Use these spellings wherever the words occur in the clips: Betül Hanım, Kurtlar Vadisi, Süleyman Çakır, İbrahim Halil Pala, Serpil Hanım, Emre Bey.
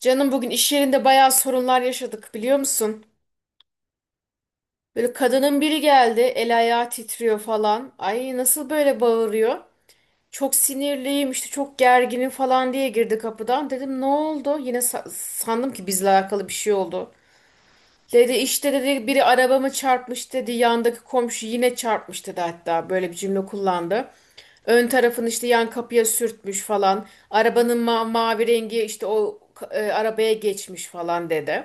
Canım bugün iş yerinde bayağı sorunlar yaşadık biliyor musun? Böyle kadının biri geldi, el ayağı titriyor falan. Ay nasıl böyle bağırıyor? Çok sinirliyim işte, çok gerginim falan diye girdi kapıdan. Dedim ne oldu? Yine sandım ki bizle alakalı bir şey oldu. Dedi işte, dedi biri arabamı çarpmış dedi. Yandaki komşu yine çarpmış dedi, hatta böyle bir cümle kullandı. Ön tarafını işte yan kapıya sürtmüş falan. Arabanın mavi rengi işte o arabaya geçmiş falan dedi.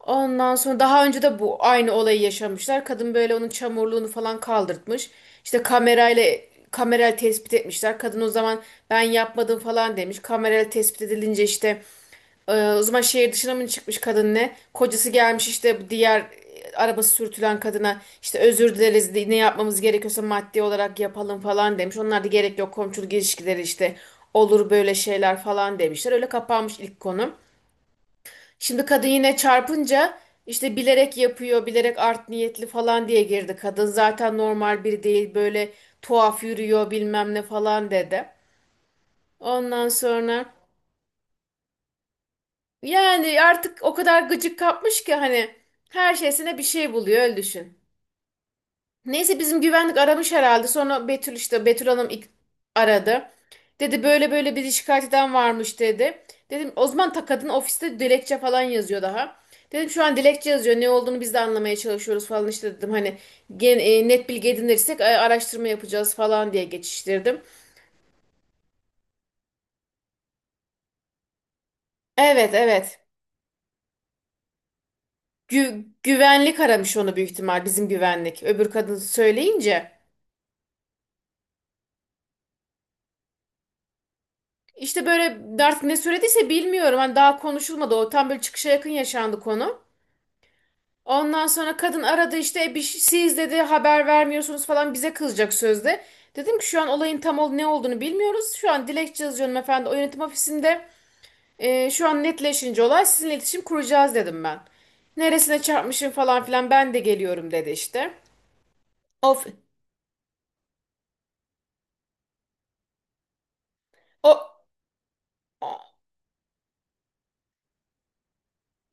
Ondan sonra daha önce de bu aynı olayı yaşamışlar. Kadın böyle onun çamurluğunu falan kaldırtmış. İşte kamerayla tespit etmişler. Kadın o zaman ben yapmadım falan demiş. Kamerayla tespit edilince o zaman şehir dışına mı çıkmış kadın ne? Kocası gelmiş işte, bu diğer arabası sürtülen kadına işte özür dileriz, ne yapmamız gerekiyorsa maddi olarak yapalım falan demiş. Onlar da gerek yok, komşuluk ilişkileri işte, olur böyle şeyler falan demişler. Öyle kapanmış ilk konu. Şimdi kadın yine çarpınca işte bilerek yapıyor, bilerek art niyetli falan diye girdi. Kadın zaten normal biri değil, böyle tuhaf yürüyor bilmem ne falan dedi. Ondan sonra yani artık o kadar gıcık kapmış ki hani her şeysine bir şey buluyor öyle düşün. Neyse bizim güvenlik aramış herhalde. Sonra Betül işte Betül Hanım ilk aradı. Dedi böyle böyle bir şikayet eden varmış dedi. Dedim o zaman ta kadın ofiste dilekçe falan yazıyor daha. Dedim şu an dilekçe yazıyor, ne olduğunu biz de anlamaya çalışıyoruz falan işte dedim, hani net bilgi edinirsek araştırma yapacağız falan diye geçiştirdim. Evet, evet. Güvenlik aramış onu büyük ihtimal, bizim güvenlik öbür kadın söyleyince. İşte böyle artık ne söylediyse bilmiyorum, hani daha konuşulmadı, o tam böyle çıkışa yakın yaşandı konu. Ondan sonra kadın aradı işte. Siz dedi haber vermiyorsunuz falan, bize kızacak sözde." Dedim ki şu an olayın tam ne olduğunu bilmiyoruz. Şu an dilekçe yazıyorum efendim, o yönetim ofisinde. Şu an netleşince olay sizinle iletişim kuracağız dedim ben. Neresine çarpmışım falan filan, ben de geliyorum dedi işte. Of, o,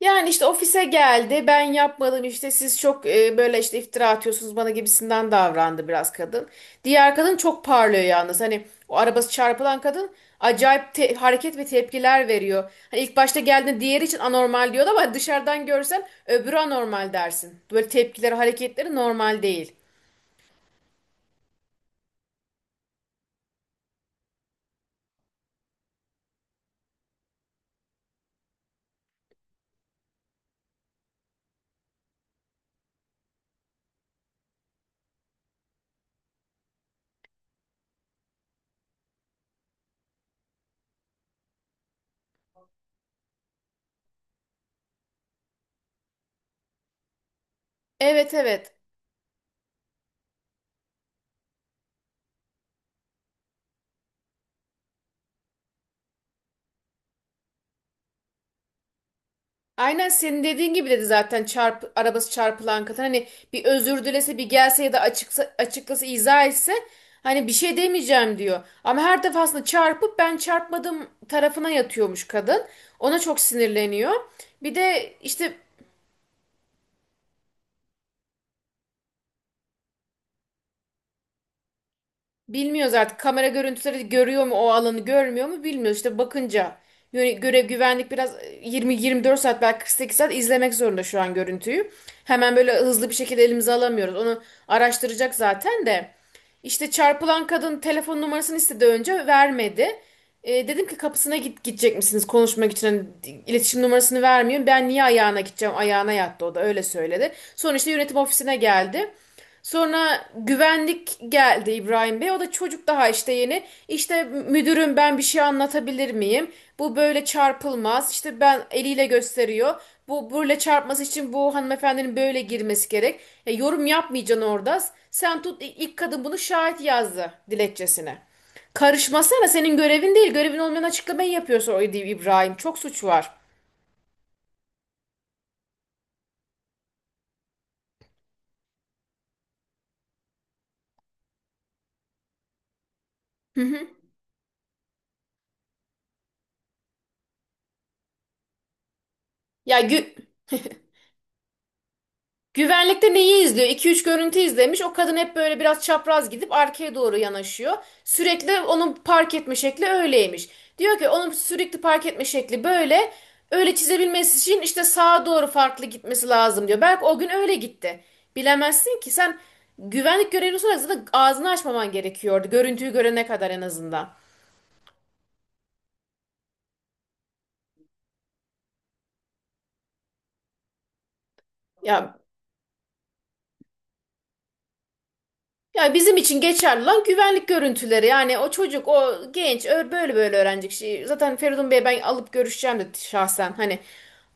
yani işte ofise geldi, ben yapmadım işte, siz çok böyle işte iftira atıyorsunuz bana gibisinden davrandı biraz kadın. Diğer kadın çok parlıyor yalnız. Hani o arabası çarpılan kadın acayip hareket ve tepkiler veriyor. Hani ilk başta geldiğinde diğeri için anormal diyordu ama dışarıdan görsen öbürü anormal dersin. Böyle tepkileri, hareketleri normal değil. Evet, evet. Aynen senin dediğin gibi dedi zaten arabası çarpılan kadın. Hani bir özür dilese, bir gelse, ya da açıklasa, izah etse hani bir şey demeyeceğim diyor. Ama her defasında çarpıp ben çarpmadım tarafına yatıyormuş kadın. Ona çok sinirleniyor. Bir de işte. Bilmiyoruz artık, kamera görüntüleri görüyor mu o alanı, görmüyor mu bilmiyoruz. İşte bakınca göre güvenlik biraz 20-24 saat, belki 48 saat izlemek zorunda şu an görüntüyü. Hemen böyle hızlı bir şekilde elimize alamıyoruz. Onu araştıracak zaten de. İşte çarpılan kadın telefon numarasını istedi, önce vermedi. Dedim ki kapısına git, gidecek misiniz konuşmak için? Hani iletişim numarasını vermiyor. Ben niye ayağına gideceğim? Ayağına yattı, o da öyle söyledi. Sonra işte yönetim ofisine geldi. Sonra güvenlik geldi, İbrahim Bey. O da çocuk daha işte, yeni. İşte müdürüm ben bir şey anlatabilir miyim? Bu böyle çarpılmaz. İşte, ben, eliyle gösteriyor. Bu böyle çarpması için bu hanımefendinin böyle girmesi gerek. Yorum yapmayacaksın orada. Sen tut, ilk kadın bunu şahit yazdı dilekçesine. Karışmasana, senin görevin değil. Görevin olmayan açıklamayı yapıyorsun o İbrahim. Çok suç var. Hı hı. Ya gü Güvenlikte neyi izliyor? 2 üç görüntü izlemiş. O kadın hep böyle biraz çapraz gidip arkaya doğru yanaşıyor. Sürekli onun park etme şekli öyleymiş. Diyor ki onun sürekli park etme şekli böyle. Öyle çizebilmesi için işte sağa doğru farklı gitmesi lazım diyor. Belki o gün öyle gitti. Bilemezsin ki sen, güvenlik görevlisi olarak zaten ağzını açmaman gerekiyordu. Görüntüyü görene kadar en azından. Ya Ya, bizim için geçerli olan güvenlik görüntüleri. Yani o çocuk, o genç böyle öğrenecek şey. Zaten Feridun Bey'e ben alıp görüşeceğim de şahsen. Hani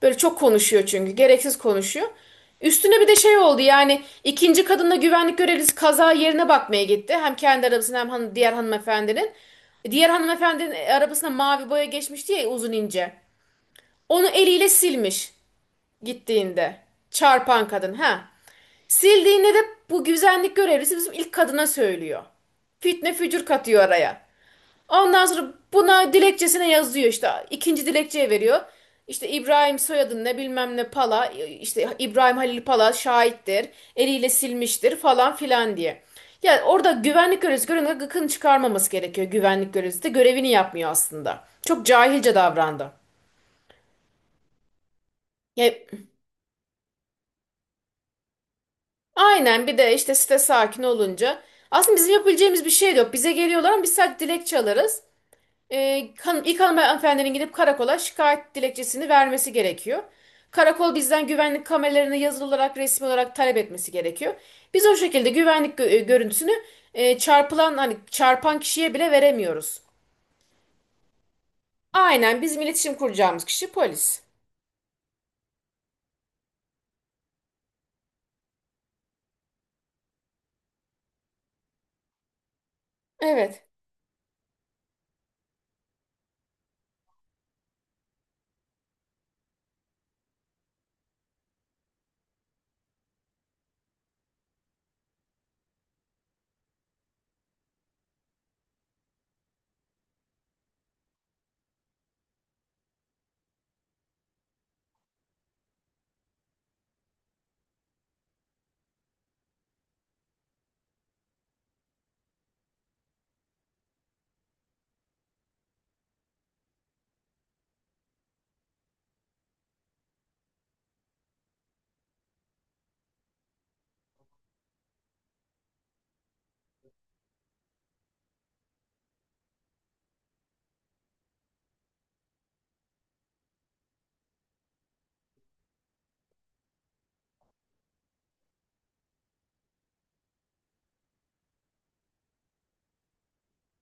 böyle çok konuşuyor çünkü. Gereksiz konuşuyor. Üstüne bir de şey oldu yani, ikinci kadınla güvenlik görevlisi kaza yerine bakmaya gitti. Hem kendi arabasına, hem diğer hanımefendinin. Diğer hanımefendinin arabasına mavi boya geçmişti ya, uzun ince. Onu eliyle silmiş gittiğinde. Çarpan kadın ha. Sildiğinde de bu güvenlik görevlisi bizim ilk kadına söylüyor. Fitne fücür katıyor araya. Ondan sonra buna dilekçesine yazıyor işte, ikinci dilekçeye veriyor. İşte İbrahim soyadın ne bilmem ne Pala, işte İbrahim Halil Pala şahittir. Eliyle silmiştir falan filan diye. Yani orada güvenlik görevlisi görevini, gıkını çıkarmaması gerekiyor. Güvenlik görevlisi de görevini yapmıyor aslında. Çok cahilce davrandı. Yani. Aynen, bir de işte site sakin olunca. Aslında bizim yapabileceğimiz bir şey de yok. Bize geliyorlar ama biz sadece dilekçe alırız. İlk hanımefendinin gidip karakola şikayet dilekçesini vermesi gerekiyor. Karakol bizden güvenlik kameralarını yazılı olarak, resmi olarak talep etmesi gerekiyor. Biz o şekilde görüntüsünü çarpılan, hani çarpan kişiye bile veremiyoruz. Aynen, bizim iletişim kuracağımız kişi polis. Evet.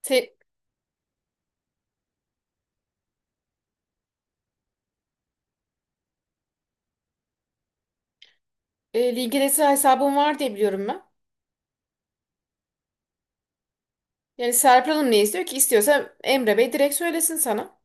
Te, LinkedIn hesabım var diye biliyorum ben. Yani Serpil Hanım ne istiyor ki? İstiyorsa Emre Bey direkt söylesin sana.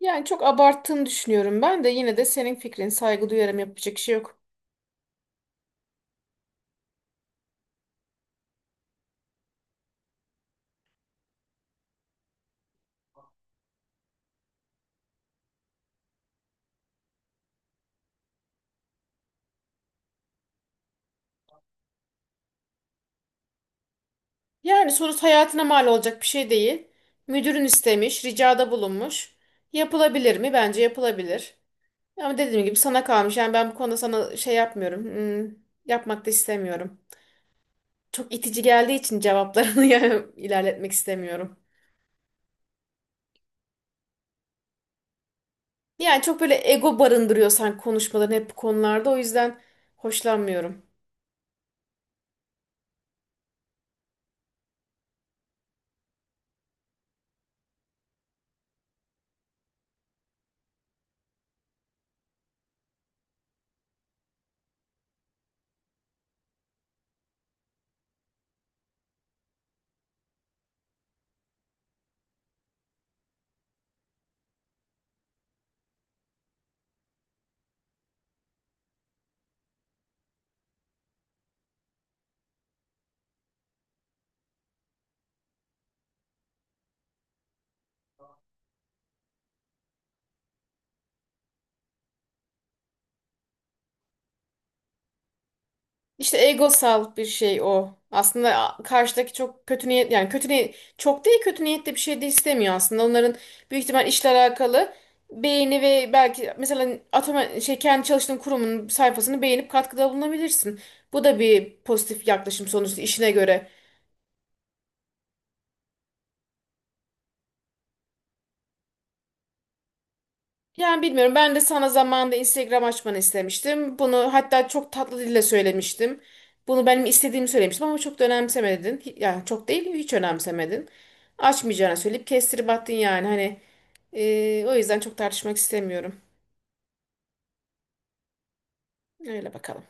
Yani çok abarttığını düşünüyorum ben de, yine de senin fikrin, saygı duyarım, yapacak şey yok. Yani sonuç hayatına mal olacak bir şey değil. Müdürün istemiş, ricada bulunmuş. Yapılabilir mi? Bence yapılabilir. Ama dediğim gibi sana kalmış. Yani ben bu konuda sana şey yapmıyorum. Yapmak da istemiyorum. Çok itici geldiği için cevaplarını yani ilerletmek istemiyorum. Yani çok böyle ego barındırıyorsan konuşmaların hep bu konularda, o yüzden hoşlanmıyorum. İşte egosal bir şey o. Aslında karşıdaki çok kötü niyet, yani kötü niyet çok değil, kötü niyetli bir şey de istemiyor aslında. Onların büyük ihtimal işle alakalı beğeni ve belki mesela atama şey, kendi çalıştığın kurumun sayfasını beğenip katkıda bulunabilirsin. Bu da bir pozitif yaklaşım sonuçta, işine göre. Yani bilmiyorum. Ben de sana zamanında Instagram açmanı istemiştim. Bunu hatta çok tatlı dille söylemiştim. Bunu benim istediğimi söylemiştim ama çok da önemsemedin. Yani çok değil, hiç önemsemedin. Açmayacağını söyleyip kestirip attın yani. Hani o yüzden çok tartışmak istemiyorum. Öyle bakalım.